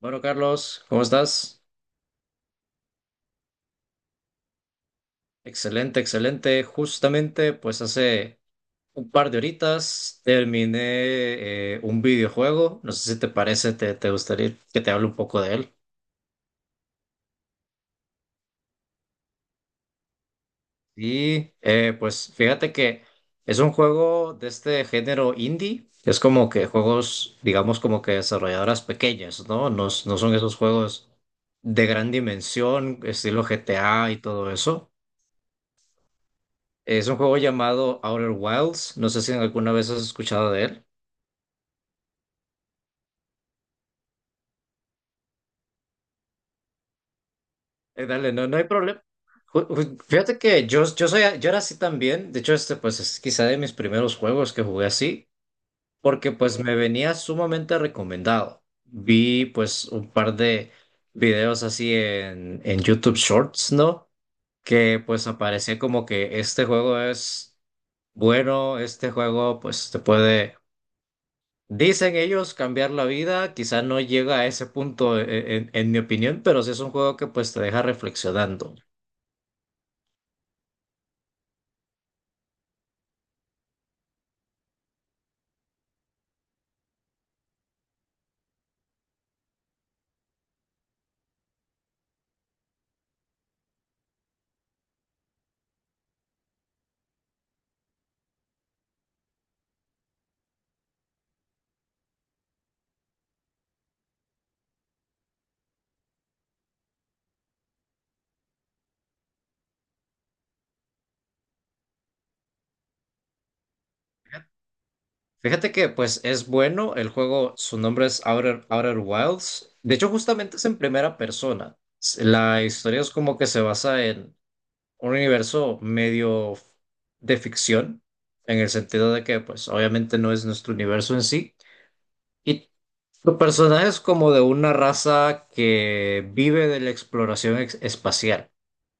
Bueno, Carlos, ¿cómo estás? Excelente, excelente. Justamente, pues hace un par de horitas terminé un videojuego. No sé si te parece, te gustaría que te hable un poco de él. Y pues fíjate que es un juego de este género indie. Es como que juegos, digamos, como que desarrolladoras pequeñas, ¿no? No, no son esos juegos de gran dimensión, estilo GTA y todo eso. Es un juego llamado Outer Wilds. No sé si alguna vez has escuchado de él. Dale, no, no hay problema. Fíjate que yo era así también. De hecho, este pues es quizá de mis primeros juegos que jugué así, porque pues me venía sumamente recomendado. Vi pues un par de videos así en YouTube Shorts, ¿no? Que pues aparecía como que este juego es, bueno, este juego pues te puede, dicen ellos, cambiar la vida, quizás no llega a ese punto en mi opinión, pero sí es un juego que pues te deja reflexionando. Fíjate que pues es bueno, el juego, su nombre es Outer Wilds, de hecho justamente es en primera persona. La historia es como que se basa en un universo medio de ficción, en el sentido de que pues obviamente no es nuestro universo en sí, y tu personaje es como de una raza que vive de la exploración espacial.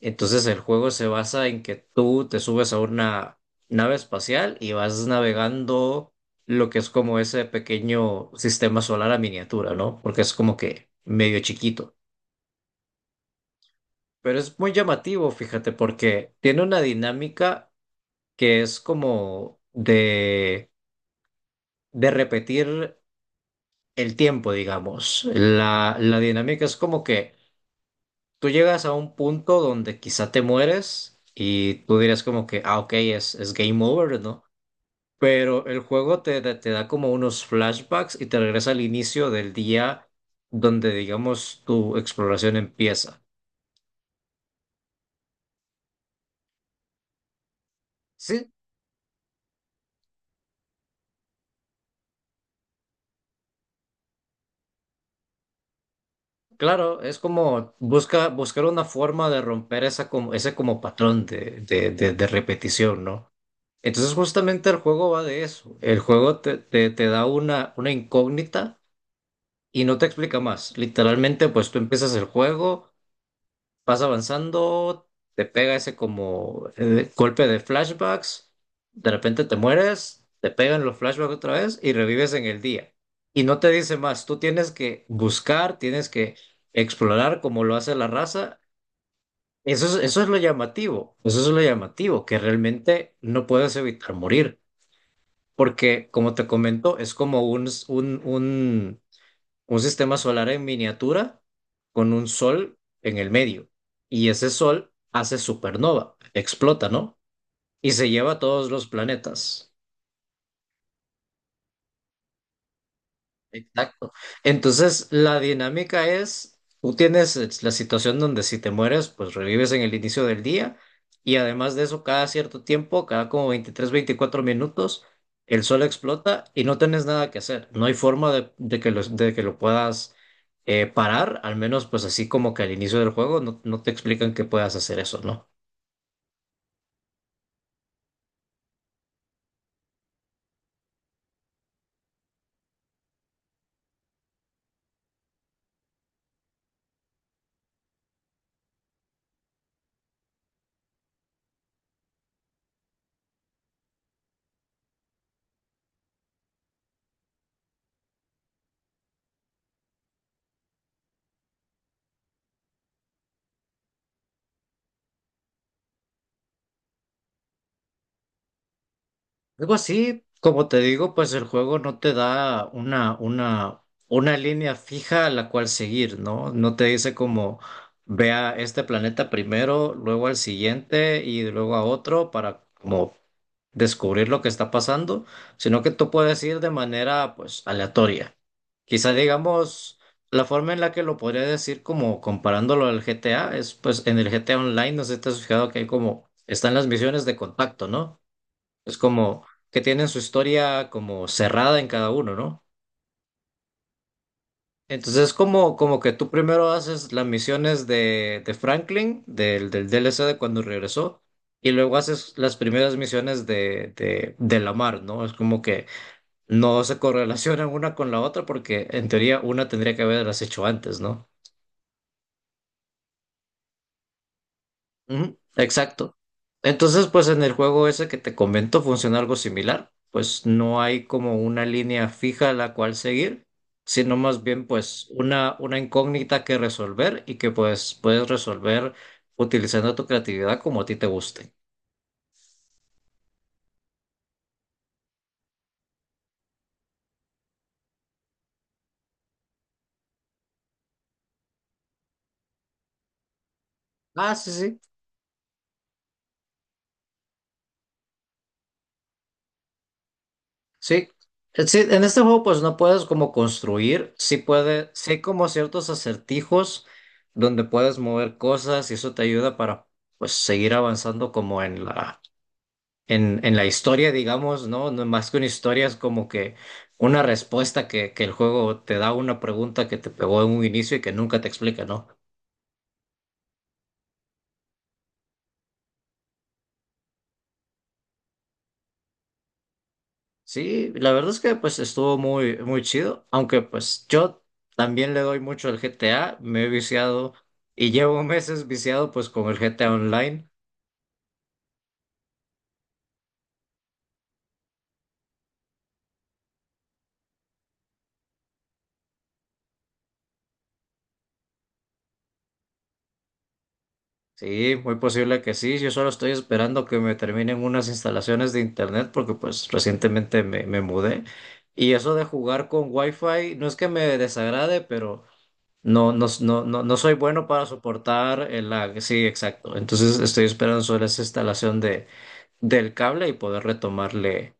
Entonces el juego se basa en que tú te subes a una nave espacial y vas navegando lo que es como ese pequeño sistema solar a miniatura, ¿no? Porque es como que medio chiquito. Pero es muy llamativo, fíjate, porque tiene una dinámica que es como de repetir el tiempo, digamos. La dinámica es como que tú llegas a un punto donde quizá te mueres y tú dirás como que, ah, ok, es game over, ¿no? Pero el juego te da como unos flashbacks y te regresa al inicio del día donde, digamos, tu exploración empieza. Sí, claro, es como buscar una forma de romper esa como, ese como patrón de repetición, ¿no? Entonces justamente el juego va de eso. El juego te da una incógnita y no te explica más. Literalmente, pues tú empiezas el juego. Vas avanzando, te pega ese como golpe de flashbacks, de repente te mueres, te pegan los flashbacks otra vez y revives en el día. Y no te dice más, tú tienes que buscar, tienes que explorar como lo hace la raza. Eso es lo llamativo, eso es lo llamativo, que realmente no puedes evitar morir, porque como te comento, es como un sistema solar en miniatura con un sol en el medio. Y ese sol hace supernova, explota, ¿no? Y se lleva a todos los planetas. Exacto. Entonces, la dinámica es, tú tienes es la situación donde si te mueres, pues revives en el inicio del día y además de eso, cada cierto tiempo, cada como 23 24 minutos, el sol explota y no tienes nada que hacer. No hay forma de que lo puedas parar, al menos pues así como que al inicio del juego no te explican que puedas hacer eso, ¿no? Algo así, como te digo, pues el juego no te da una línea fija a la cual seguir, ¿no? No te dice como ve a este planeta primero, luego al siguiente y luego a otro para como descubrir lo que está pasando, sino que tú puedes ir de manera pues aleatoria. Quizá digamos, la forma en la que lo podría decir como comparándolo al GTA es pues en el GTA Online, no sé si te has fijado que hay como están las misiones de contacto, ¿no? Es como que tienen su historia como cerrada en cada uno, ¿no? Entonces es como que tú primero haces las misiones de Franklin, del DLC de cuando regresó, y luego haces las primeras misiones de Lamar, ¿no? Es como que no se correlacionan una con la otra porque en teoría una tendría que haberlas hecho antes, ¿no? Ujú, exacto. Entonces, pues en el juego ese que te comento funciona algo similar. Pues no hay como una línea fija a la cual seguir, sino más bien pues una incógnita que resolver y que pues puedes resolver utilizando tu creatividad como a ti te guste. Ah, sí, sí. Sí. Sí, en este juego pues no puedes como construir, sí hay como ciertos acertijos donde puedes mover cosas y eso te ayuda para pues seguir avanzando como en la en la historia, digamos, ¿no? No, más que una historia es como que una respuesta que el juego te da a una pregunta que te pegó en un inicio y que nunca te explica, ¿no? Sí, la verdad es que pues estuvo muy, muy chido, aunque pues yo también le doy mucho al GTA, me he viciado y llevo meses viciado pues con el GTA Online. Sí, muy posible que sí. Yo solo estoy esperando que me terminen unas instalaciones de internet porque pues recientemente me mudé. Y eso de jugar con Wi-Fi no es que me desagrade, pero no, no, no, no, no soy bueno para soportar el lag. Sí, exacto. Entonces estoy esperando solo esa instalación del cable y poder retomarle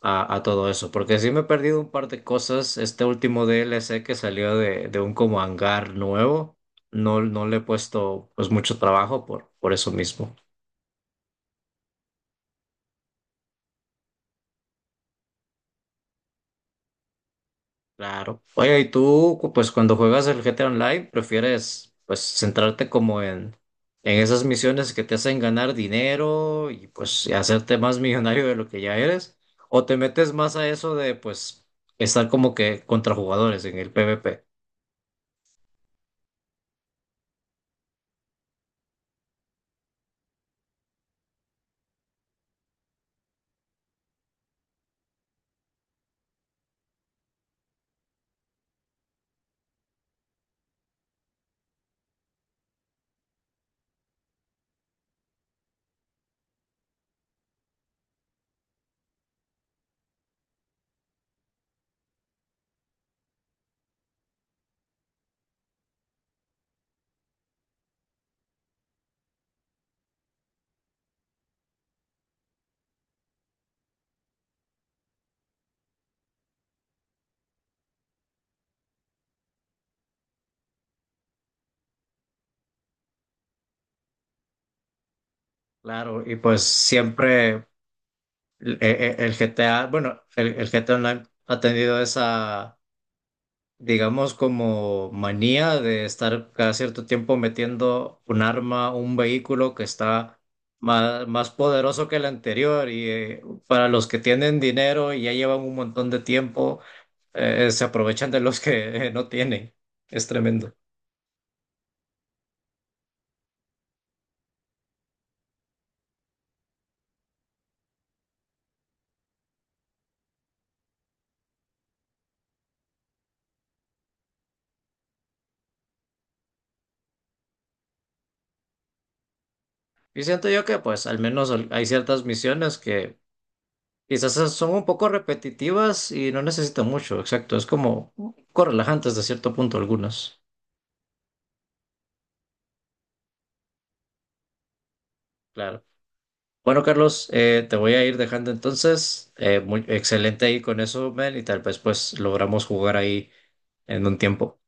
a todo eso, porque sí me he perdido un par de cosas. Este último DLC que salió de un como hangar nuevo, no le he puesto pues mucho trabajo por eso mismo. Claro. Oye, ¿y tú pues cuando juegas el GTA Online prefieres pues centrarte como en esas misiones que te hacen ganar dinero y hacerte más millonario de lo que ya eres? ¿O te metes más a eso de pues estar como que contra jugadores en el PvP? Claro, y pues siempre el GTA, bueno, el GTA Online ha tenido esa, digamos, como manía de estar cada cierto tiempo metiendo un arma, un vehículo que está más, más poderoso que el anterior. Y para los que tienen dinero y ya llevan un montón de tiempo, se aprovechan de los que no tienen. Es tremendo. Y siento yo que, pues, al menos hay ciertas misiones que quizás son un poco repetitivas y no necesitan mucho, exacto. Es como un poco relajantes de cierto punto algunas. Claro. Bueno, Carlos, te voy a ir dejando entonces. Muy excelente ahí con eso, Mel, y tal vez pues logramos jugar ahí en un tiempo.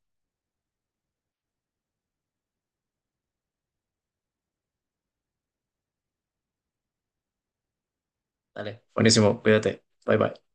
Dale, buenísimo, cuídate. Bye bye.